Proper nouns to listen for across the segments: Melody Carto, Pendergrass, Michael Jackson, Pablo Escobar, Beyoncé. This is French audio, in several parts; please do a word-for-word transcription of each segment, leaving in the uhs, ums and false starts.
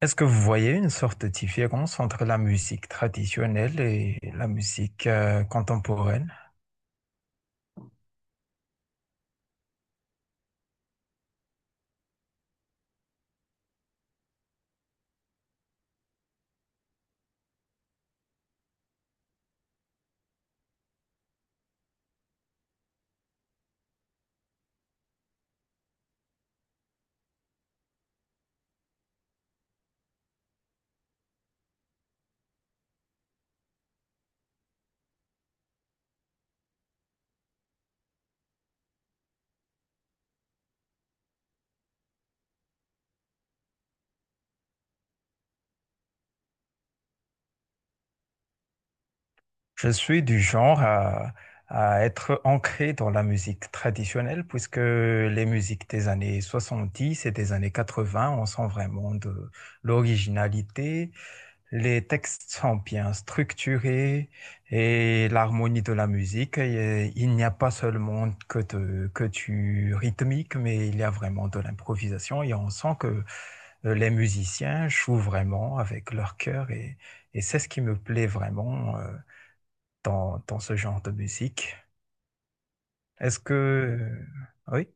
Est-ce que vous voyez une sorte de différence entre la musique traditionnelle et la musique euh, contemporaine? Je suis du genre à, à être ancré dans la musique traditionnelle puisque les musiques des années soixante-dix et des années quatre-vingts, on sent vraiment de l'originalité. Les textes sont bien structurés et l'harmonie de la musique, et il n'y a pas seulement que, de- que du rythmique, mais il y a vraiment de l'improvisation et on sent que euh, les musiciens jouent vraiment avec leur cœur et, et c'est ce qui me plaît vraiment euh, dans, dans ce genre de musique. Est-ce que, euh, oui,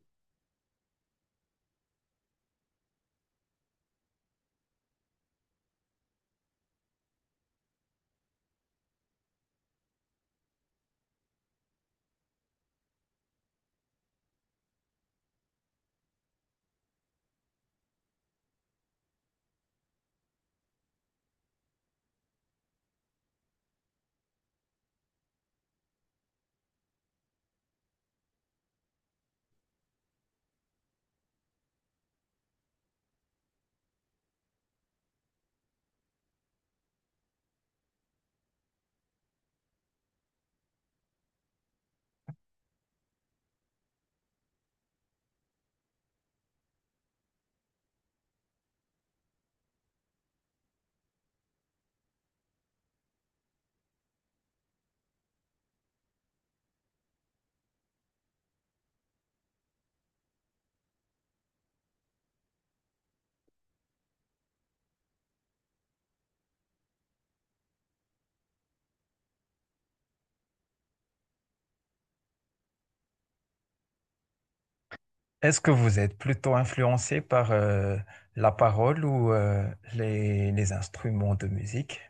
est-ce que vous êtes plutôt influencé par euh, la parole ou euh, les, les instruments de musique?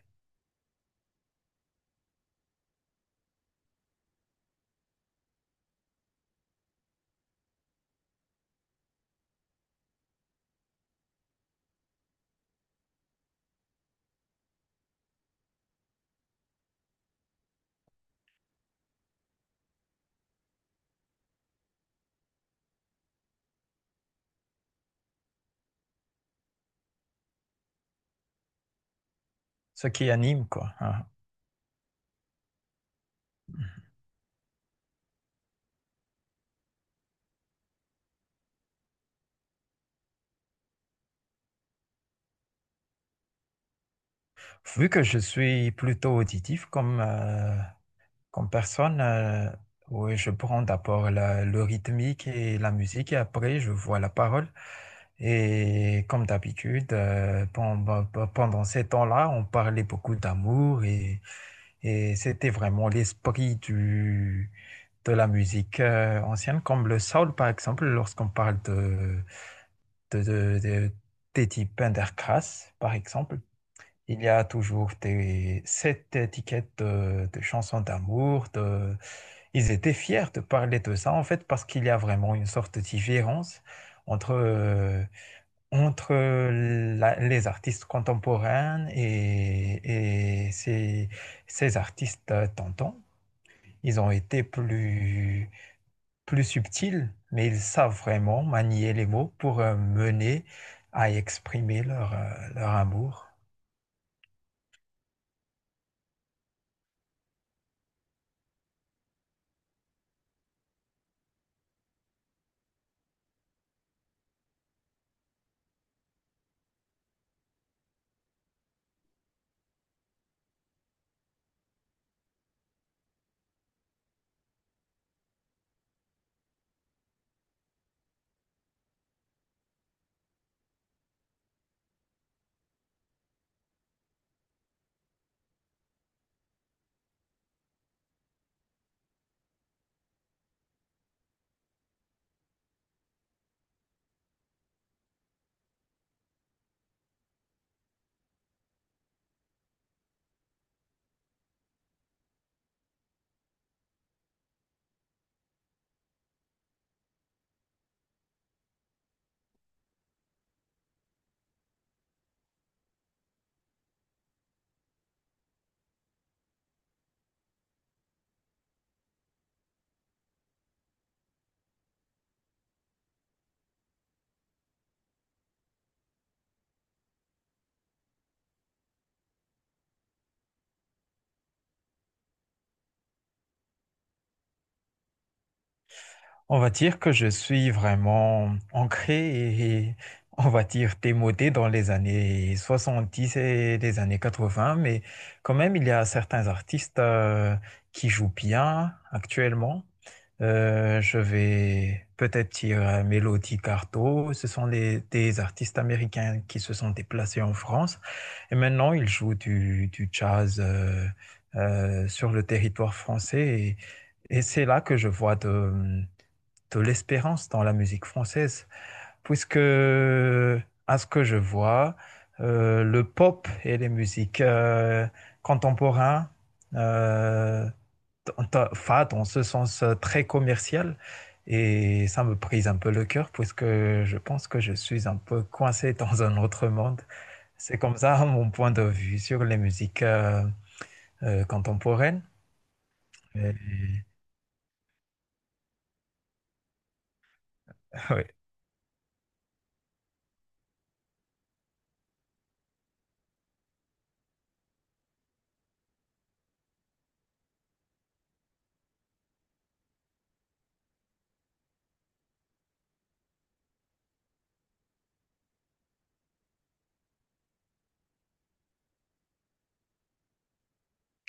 Ce qui anime, quoi. Hein. Vu que je suis plutôt auditif, comme euh, comme personne, euh, oui, je prends d'abord la- le rythmique et la musique et après je vois la parole. Et comme d'habitude, euh, pen- pen- pen- pendant ces temps-là, on parlait beaucoup d'amour et, et c'était vraiment l'esprit du, de la musique euh, ancienne, comme le soul par exemple, lorsqu'on parle de, de, de, de- des types Pendergrass par exemple. Il y a toujours des, cette étiquette de, de chansons d'amour, de ils étaient fiers de parler de ça, en fait, parce qu'il y a vraiment une sorte de différence entre, euh, entre la- les artistes contemporains et, et ces, ces artistes euh, tentants. Ils ont été plus, plus subtils, mais ils savent vraiment manier les mots pour euh, mener à exprimer leur, euh, leur amour. On va dire que je suis vraiment ancré et on va dire démodé dans les années soixante-dix et les années quatre-vingts, mais quand même, il y a certains artistes euh, qui jouent bien actuellement. Euh, je vais peut-être dire euh, Melody Carto. Ce sont les- des artistes américains qui se sont déplacés en France et maintenant ils jouent du, du jazz euh, euh, sur le territoire français et, et c'est là que je vois de, de l'espérance dans la musique française, puisque à ce que je vois, euh, le pop et les musiques euh, contemporaines, euh, enfin, dans ce sens euh, très commercial, et ça me brise un peu le cœur, puisque je pense que je suis un peu coincé dans un autre monde. C'est comme ça mon point de vue sur les musiques euh, euh, contemporaines. Et, oui,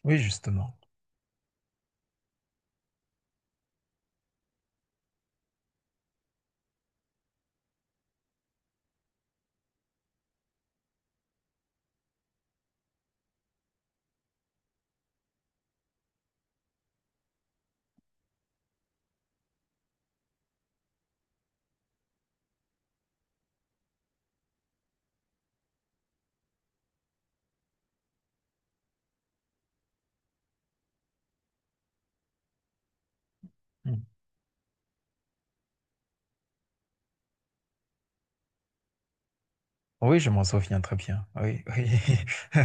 oui, justement. Mm. Oui, je m'en souviens très bien. Oui, oui.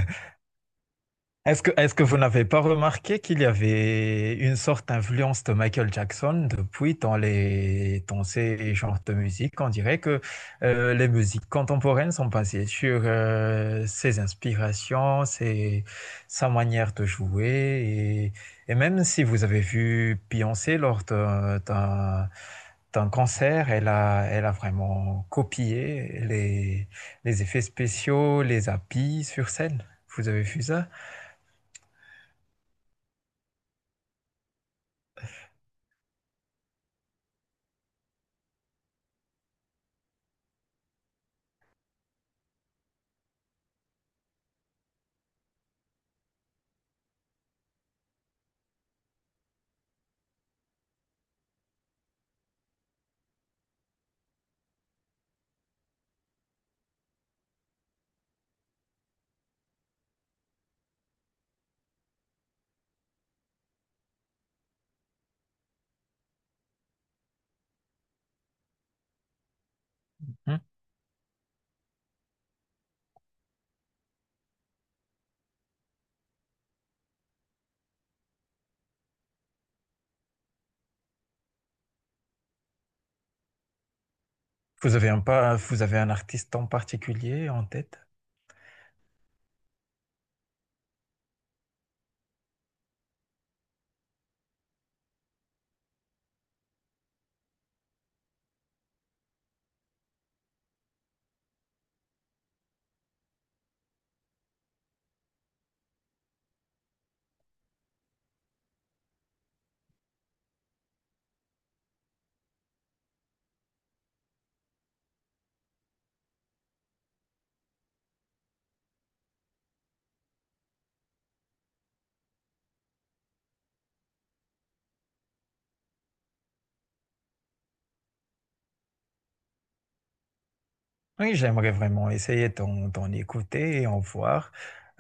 Est-ce que, est-ce que vous n'avez pas remarqué qu'il y avait une sorte d'influence de Michael Jackson depuis dans les, dans ces genres de musique? On dirait que euh, les musiques contemporaines sont basées sur euh, ses inspirations, ses- sa manière de jouer. Et, et même si vous avez vu Beyoncé lors d'un, d'un- d'un concert, elle a, elle a vraiment copié les, les effets spéciaux, les habits sur scène. Vous avez vu ça? Vous avez un pas, vous avez un artiste en particulier en tête? Oui, j'aimerais vraiment essayer d'en d'en écouter et en voir.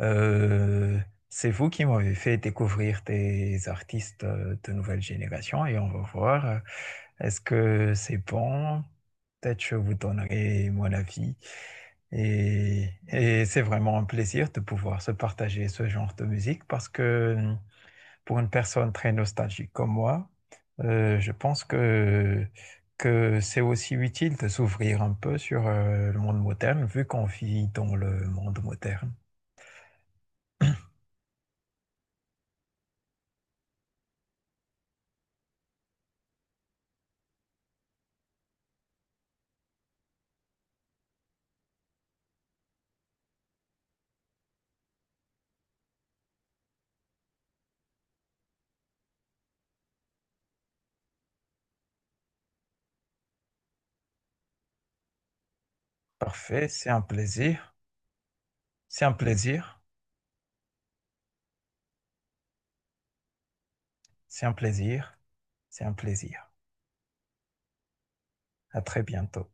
Euh, c'est vous qui m'avez fait découvrir des artistes euh, de nouvelle génération et on va voir. euh, Est-ce que c'est bon? Peut-être je vous donnerai mon avis. Et, et c'est vraiment un plaisir de pouvoir se partager ce genre de musique parce que pour une personne très nostalgique comme moi, euh, je pense que, que c'est aussi utile de s'ouvrir un peu sur euh, le monde moderne, vu qu'on vit dans le monde moderne. Parfait, c'est un plaisir, c'est un plaisir, c'est un plaisir, c'est un plaisir. À très bientôt.